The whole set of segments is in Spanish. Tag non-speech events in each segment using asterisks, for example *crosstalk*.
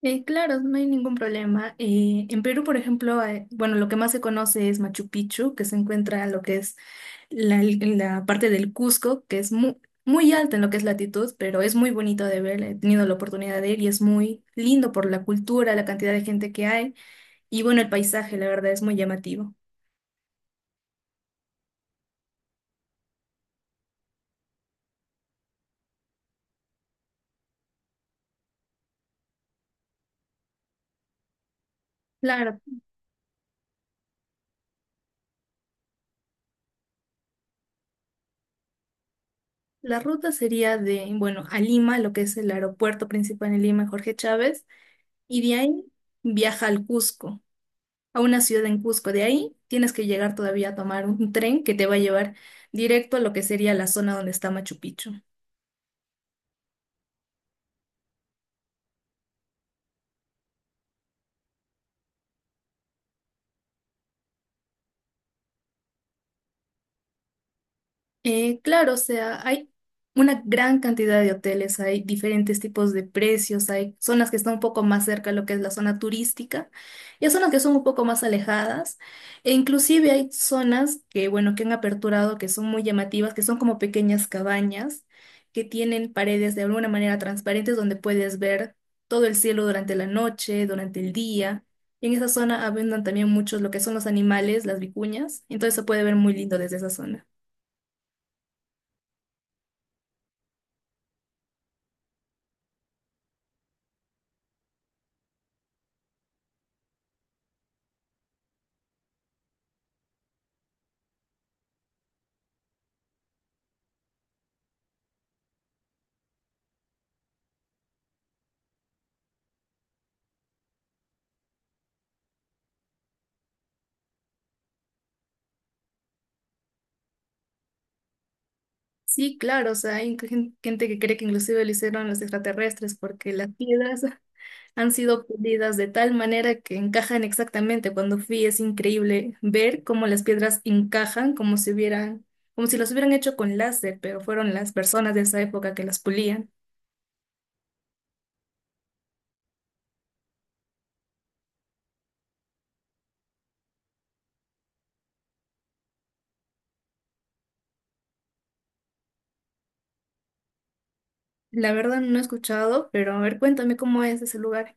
Claro, no hay ningún problema. En Perú, por ejemplo, bueno, lo que más se conoce es Machu Picchu, que se encuentra en lo que es la parte del Cusco, que es muy alta en lo que es latitud, pero es muy bonito de ver. He tenido la oportunidad de ir y es muy lindo por la cultura, la cantidad de gente que hay y bueno, el paisaje, la verdad, es muy llamativo. Claro, la ruta sería de, bueno, a Lima, lo que es el aeropuerto principal en Lima, Jorge Chávez, y de ahí viaja al Cusco, a una ciudad en Cusco. De ahí tienes que llegar todavía a tomar un tren que te va a llevar directo a lo que sería la zona donde está Machu Picchu. Claro, o sea, hay una gran cantidad de hoteles, hay diferentes tipos de precios, hay zonas que están un poco más cerca de lo que es la zona turística y hay zonas que son un poco más alejadas. E inclusive hay zonas que, bueno, que han aperturado, que son muy llamativas, que son como pequeñas cabañas, que tienen paredes de alguna manera transparentes donde puedes ver todo el cielo durante la noche, durante el día. Y en esa zona abundan también muchos lo que son los animales, las vicuñas, entonces se puede ver muy lindo desde esa zona. Sí, claro, o sea, hay gente que cree que inclusive lo hicieron los extraterrestres porque las piedras *laughs* han sido pulidas de tal manera que encajan exactamente. Cuando fui es increíble ver cómo las piedras encajan como si hubieran, como si las hubieran hecho con láser, pero fueron las personas de esa época que las pulían. La verdad no he escuchado, pero a ver, cuéntame cómo es ese lugar.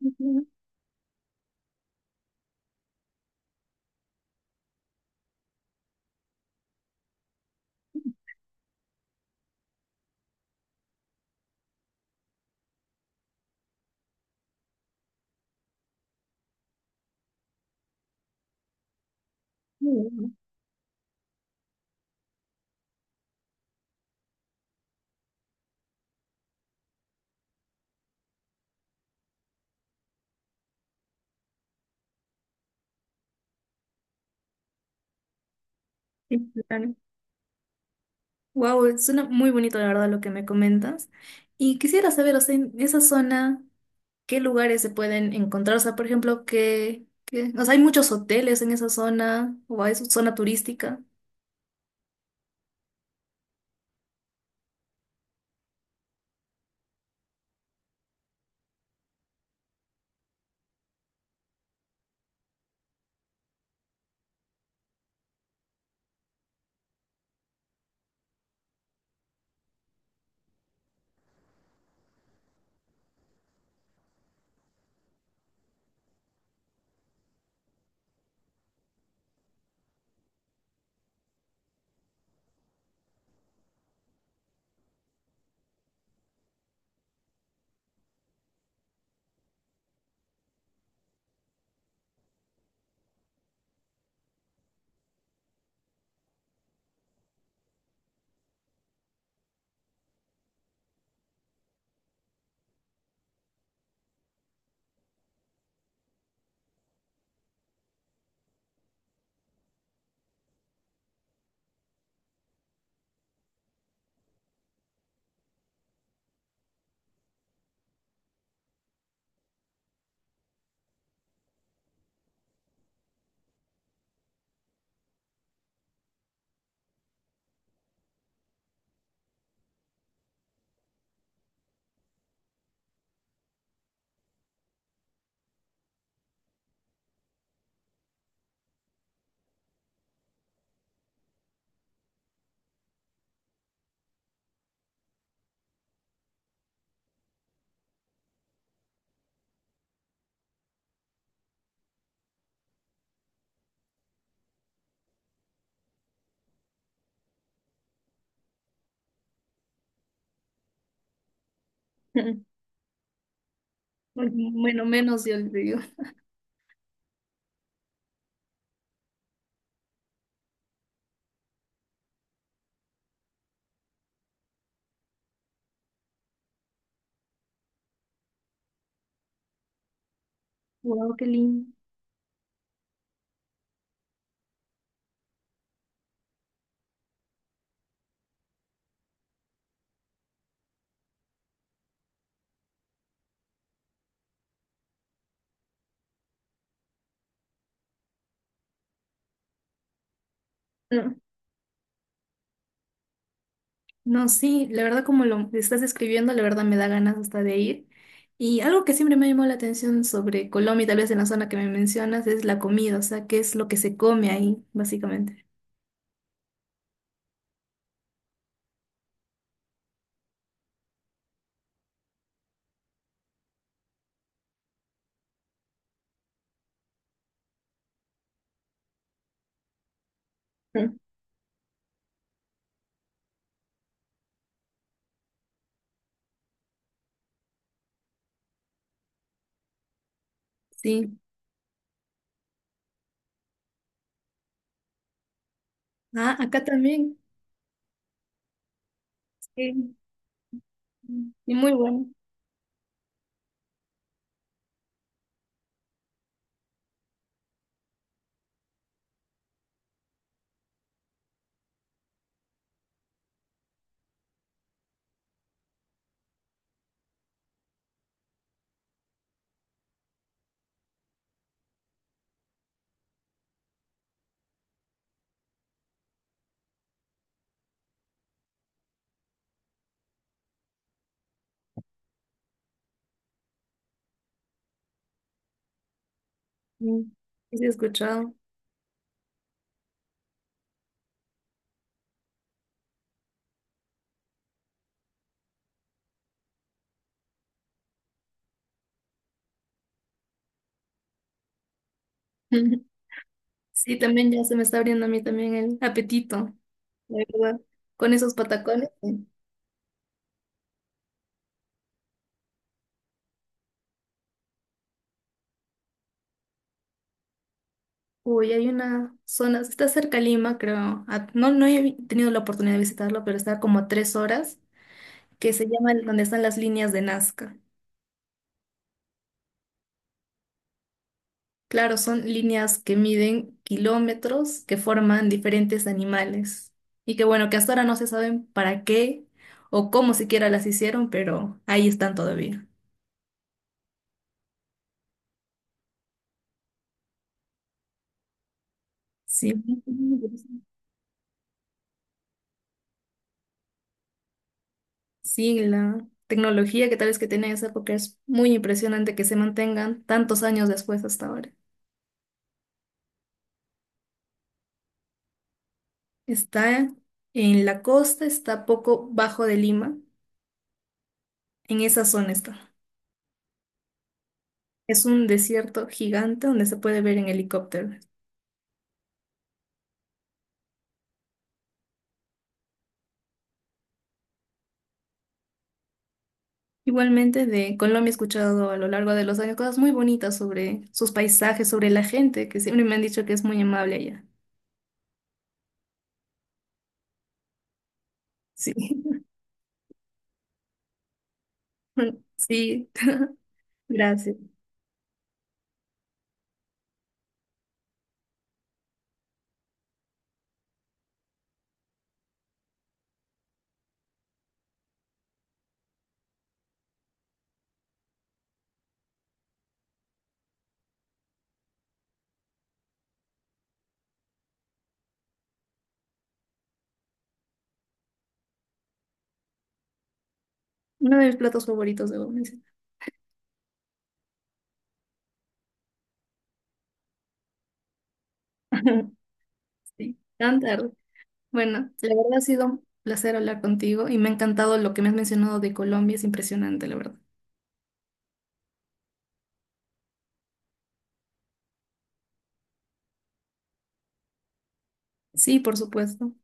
Ujú, muy bien. Wow, suena muy bonito la verdad lo que me comentas. Y quisiera saber, o sea, en esa zona qué lugares se pueden encontrar. O sea, por ejemplo, o sea, ¿hay muchos hoteles en esa zona o hay su zona turística? *laughs* Bueno, menos yo le digo. Wow, qué lindo. No, no, sí, la verdad como lo estás escribiendo, la verdad me da ganas hasta de ir. Y algo que siempre me llamó la atención sobre Colombia, y tal vez en la zona que me mencionas, es la comida, o sea, qué es lo que se come ahí, básicamente. Mm. Sí. Ah, acá también. Sí. Y muy bueno. Sí, sí he escuchado. *laughs* Sí, también ya se me está abriendo a mí también el apetito, la verdad. Con esos patacones, sí. Uy, hay una zona, está cerca de Lima, creo. A- no, no he tenido la oportunidad de visitarlo, pero está como a 3 horas, que se llama el- donde están las líneas de Nazca. Claro, son líneas que miden kilómetros, que forman diferentes animales. Y que bueno, que hasta ahora no se saben para qué o cómo siquiera las hicieron, pero ahí están todavía. Sí. Sí, la tecnología que tal vez que tenía esa época es muy impresionante que se mantengan tantos años después hasta ahora. Está en la costa, está poco bajo de Lima, en esa zona está. Es un desierto gigante donde se puede ver en helicóptero. Igualmente de Colombia he escuchado a lo largo de los años cosas muy bonitas sobre sus paisajes, sobre la gente, que siempre me han dicho que es muy amable allá. Sí, *laughs* sí, gracias. Uno de mis platos favoritos, debo mencionar. *laughs* Sí, tan. Bueno, la verdad ha sido un placer hablar contigo y me ha encantado lo que me has mencionado de Colombia, es impresionante, la verdad. Sí, por supuesto.